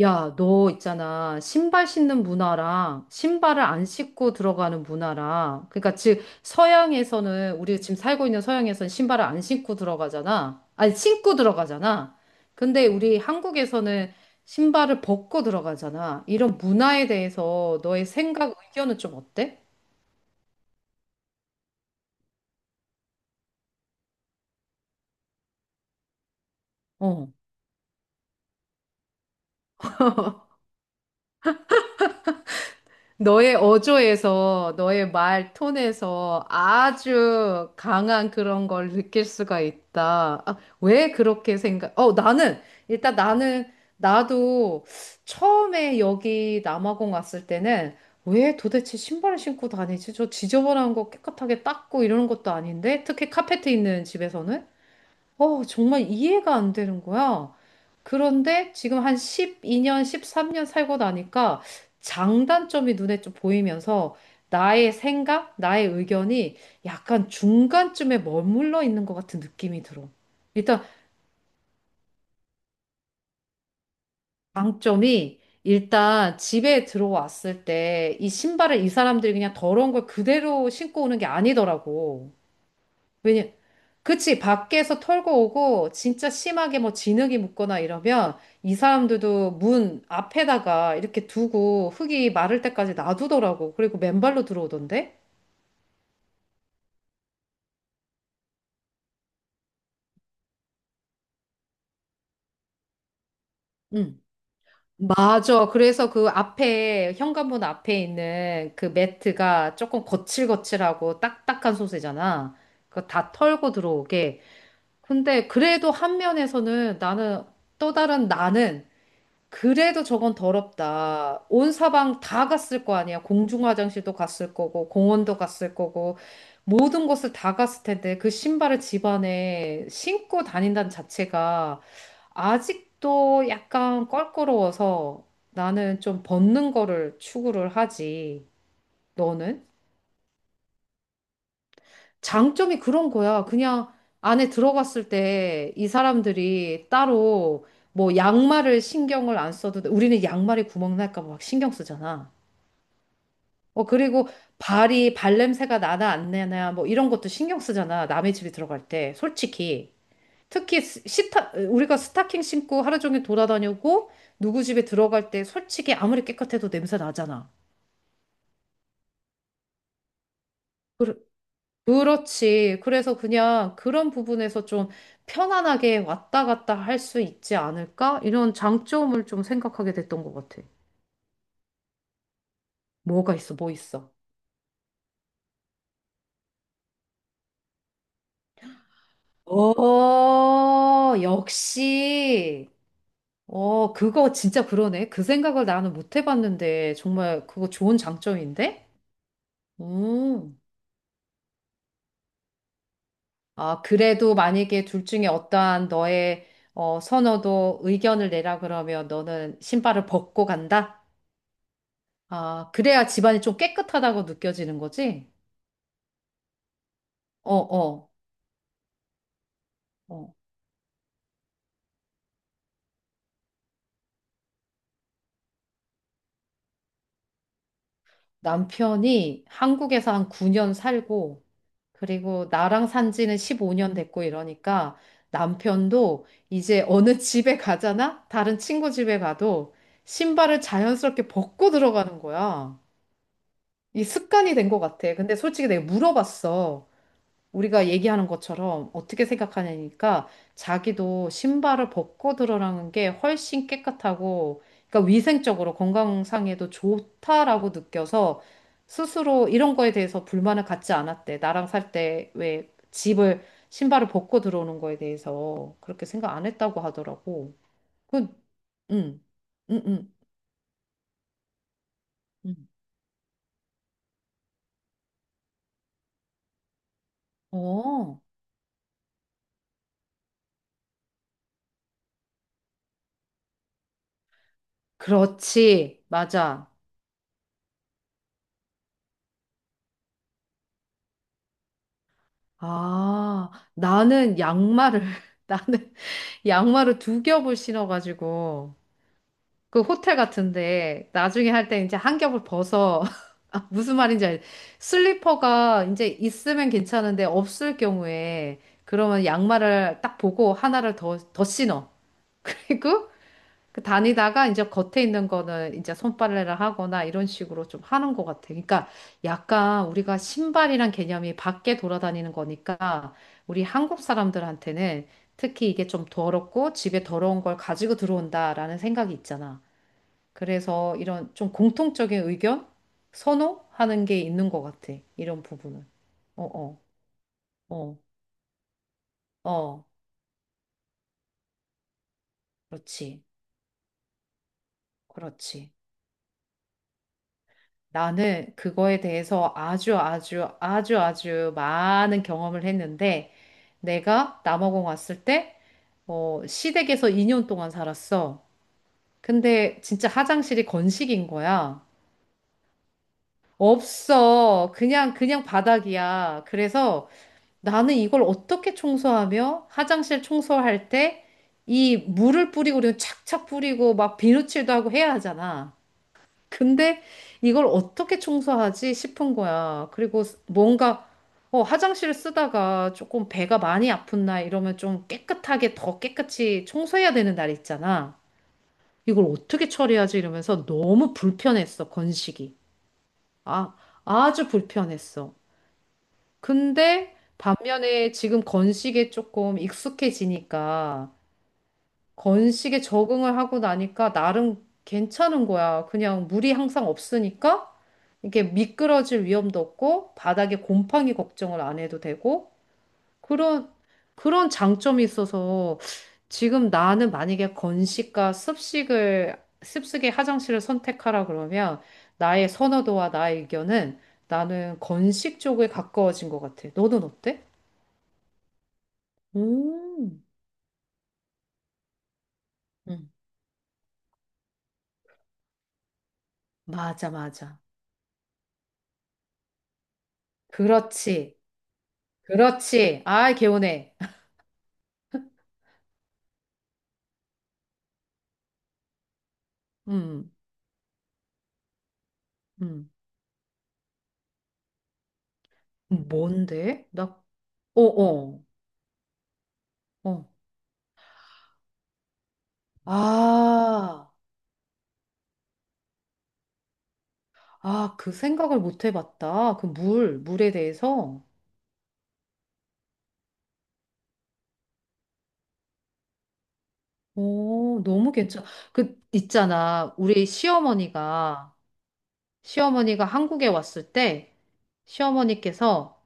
야, 너 있잖아. 신발 신는 문화랑 신발을 안 신고 들어가는 문화랑 그러니까 즉 서양에서는 우리 지금 살고 있는 서양에서는 신발을 안 신고 들어가잖아. 아니 신고 들어가잖아. 근데 우리 한국에서는 신발을 벗고 들어가잖아. 이런 문화에 대해서 너의 생각, 의견은 좀 어때? 어. 너의 어조에서, 너의 말 톤에서 아주 강한 그런 걸 느낄 수가 있다. 아, 왜 그렇게 생각? 어, 나는, 일단 나는, 나도 처음에 여기 남아공 왔을 때는 왜 도대체 신발을 신고 다니지? 저 지저분한 거 깨끗하게 닦고 이러는 것도 아닌데? 특히 카페트 있는 집에서는? 어, 정말 이해가 안 되는 거야. 그런데 지금 한 12년, 13년 살고 나니까 장단점이 눈에 좀 보이면서 나의 생각, 나의 의견이 약간 중간쯤에 머물러 있는 것 같은 느낌이 들어. 일단 장점이 일단 집에 들어왔을 때 이 신발을 이 사람들이 그냥 더러운 걸 그대로 신고 오는 게 아니더라고. 왜냐, 그치, 밖에서 털고 오고, 진짜 심하게 뭐 진흙이 묻거나 이러면, 이 사람들도 문 앞에다가 이렇게 두고, 흙이 마를 때까지 놔두더라고. 그리고 맨발로 들어오던데? 응. 맞아. 그래서 그 앞에, 현관문 앞에 있는 그 매트가 조금 거칠거칠하고 딱딱한 소재잖아. 그거 다 털고 들어오게. 근데 그래도 한 면에서는 나는, 또 다른 나는, 그래도 저건 더럽다. 온 사방 다 갔을 거 아니야. 공중 화장실도 갔을 거고, 공원도 갔을 거고, 모든 곳을 다 갔을 텐데, 그 신발을 집안에 신고 다닌다는 자체가 아직도 약간 껄끄러워서 나는 좀 벗는 거를 추구를 하지. 너는? 장점이 그런 거야. 그냥 안에 들어갔을 때 이 사람들이 따로 뭐 양말을 신경을 안 써도 돼. 우리는 양말에 구멍 날까 봐 막 신경 쓰잖아. 어, 그리고 발이 발냄새가 나나 안 나나 뭐 이런 것도 신경 쓰잖아. 남의 집에 들어갈 때. 솔직히. 특히 우리가 스타킹 신고 하루 종일 돌아다니고 누구 집에 들어갈 때 솔직히 아무리 깨끗해도 냄새 나잖아. 그, 그렇지. 그래서 그냥 그런 부분에서 좀 편안하게 왔다 갔다 할 수 있지 않을까? 이런 장점을 좀 생각하게 됐던 것 같아. 뭐가 있어? 뭐 있어? 어, 역시. 어, 그거 진짜 그러네. 그 생각을 나는 못 해봤는데, 정말 그거 좋은 장점인데? 음. 아, 그래도 만약에 둘 중에 어떠한 너의 어, 선호도 의견을 내라 그러면 너는 신발을 벗고 간다? 아, 그래야 집안이 좀 깨끗하다고 느껴지는 거지? 어, 어, 어. 남편이 한국에서 한 9년 살고, 그리고 나랑 산 지는 15년 됐고 이러니까 남편도 이제 어느 집에 가잖아? 다른 친구 집에 가도 신발을 자연스럽게 벗고 들어가는 거야. 이 습관이 된 것 같아. 근데 솔직히 내가 물어봤어. 우리가 얘기하는 것처럼 어떻게 생각하냐니까 자기도 신발을 벗고 들어가는 게 훨씬 깨끗하고 그러니까 위생적으로 건강상에도 좋다라고 느껴서 스스로 이런 거에 대해서 불만을 갖지 않았대. 나랑 살 때 왜 집을 신발을 벗고 들어오는 거에 대해서 그렇게 생각 안 했다고 하더라고. 그, 응, 응, 응, 응. 어, 그렇지. 맞아. 아, 나는 양말을, 나는 양말을 두 겹을 신어가지고, 그 호텔 같은데, 나중에 할 때 이제 한 겹을 벗어. 아, 무슨 말인지 알. 슬리퍼가 이제 있으면 괜찮은데, 없을 경우에, 그러면 양말을 딱 보고 하나를 더, 신어. 그리고 그 다니다가 이제 겉에 있는 거는 이제 손빨래를 하거나 이런 식으로 좀 하는 것 같아. 그러니까 약간 우리가 신발이란 개념이 밖에 돌아다니는 거니까 우리 한국 사람들한테는 특히 이게 좀 더럽고 집에 더러운 걸 가지고 들어온다라는 생각이 있잖아. 그래서 이런 좀 공통적인 의견? 선호하는 게 있는 것 같아. 이런 부분은. 어, 어, 어, 어. 그렇지. 그렇지. 나는 그거에 대해서 아주 아주 아주 아주 많은 경험을 했는데 내가 남아공 왔을 때 어, 시댁에서 2년 동안 살았어. 근데 진짜 화장실이 건식인 거야. 없어. 그냥, 그냥 바닥이야. 그래서 나는 이걸 어떻게 청소하며 화장실 청소할 때 이 물을 뿌리고 그리고 착착 뿌리고 막 비누칠도 하고 해야 하잖아. 근데 이걸 어떻게 청소하지 싶은 거야. 그리고 뭔가 어, 화장실을 쓰다가 조금 배가 많이 아픈 날 이러면 좀 깨끗하게 더 깨끗이 청소해야 되는 날 있잖아. 이걸 어떻게 처리하지 이러면서 너무 불편했어, 건식이. 아, 아주 불편했어. 근데 반면에 지금 건식에 조금 익숙해지니까 건식에 적응을 하고 나니까 나름 괜찮은 거야. 그냥 물이 항상 없으니까 이게 미끄러질 위험도 없고 바닥에 곰팡이 걱정을 안 해도 되고 그런 그런 장점이 있어서 지금 나는 만약에 건식과 습식을 습식의 화장실을 선택하라 그러면 나의 선호도와 나의 의견은 나는 건식 쪽에 가까워진 것 같아. 너는 어때? 음, 음, 맞아, 맞아. 그렇지. 그렇지. 아, 개운해. 음, 음. 뭔데? 나, 어, 어, 어. 아, 아, 그 생각을 못 해봤다. 그 물, 물에 대해서. 오, 너무 괜찮아. 그, 있잖아. 우리 시어머니가 한국에 왔을 때, 시어머니께서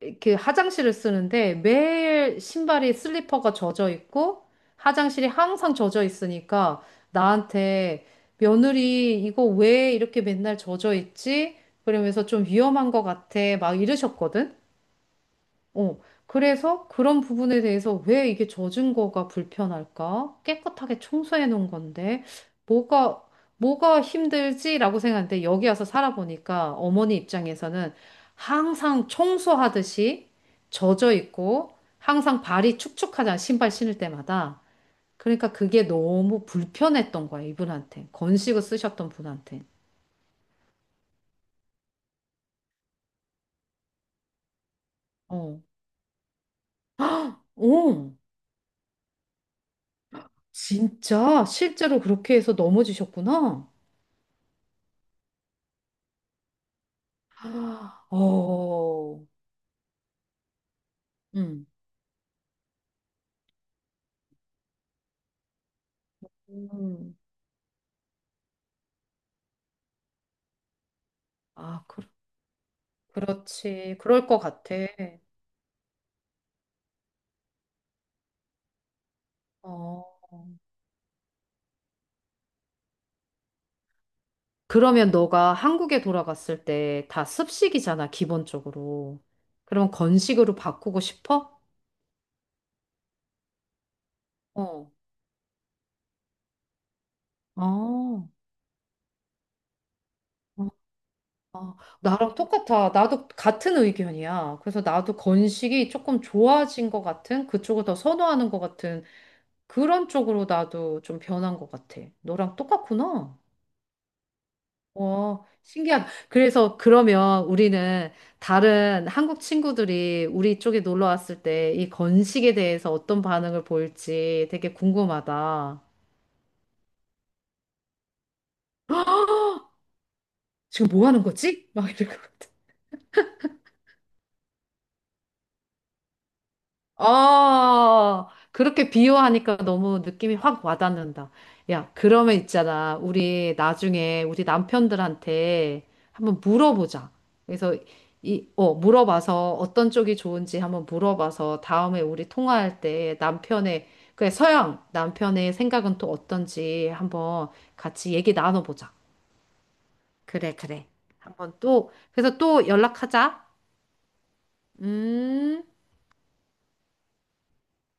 이렇게 화장실을 쓰는데 매일 신발이 슬리퍼가 젖어 있고 화장실이 항상 젖어 있으니까 나한테 며느리 이거 왜 이렇게 맨날 젖어 있지? 그러면서 좀 위험한 것 같아 막 이러셨거든. 어, 그래서 그런 부분에 대해서 왜 이게 젖은 거가 불편할까? 깨끗하게 청소해 놓은 건데, 뭐가, 뭐가 힘들지라고 생각하는데, 여기 와서 살아보니까 어머니 입장에서는 항상 청소하듯이 젖어 있고, 항상 발이 축축하잖아, 신발 신을 때마다. 그러니까 그게 너무 불편했던 거야, 이분한테. 건식을 쓰셨던 분한테. 어, 어, 진짜 실제로 그렇게 해서 넘어지셨구나. 아, 어, 음. 음, 아, 그, 그렇지. 그럴 것 같아. 어. 그러면 너가 한국에 돌아갔을 때 다 습식이잖아, 기본적으로. 그럼 건식으로 바꾸고 싶어? 어. 어. 어. 어. 나랑 똑같아. 나도 같은 의견이야. 그래서 나도 건식이 조금 좋아진 것 같은, 그쪽을 더 선호하는 것 같은 그런 쪽으로 나도 좀 변한 것 같아. 너랑 똑같구나. 어, 신기하다. 그래서 그러면 우리는 다른 한국 친구들이 우리 쪽에 놀러 왔을 때 이 건식에 대해서 어떤 반응을 보일지 되게 궁금하다. 지금 뭐 하는 거지? 막 이럴 것 같아. 아, 그렇게 비유하니까 너무 느낌이 확 와닿는다. 야, 그러면 있잖아. 우리 나중에 우리 남편들한테 한번 물어보자. 그래서 이, 어, 물어봐서 어떤 쪽이 좋은지 한번 물어봐서 다음에 우리 통화할 때 남편의, 그래, 서양 남편의 생각은 또 어떤지 한번 같이 얘기 나눠보자. 그래, 그래. 한번 또, 그래서 또 연락하자. 음.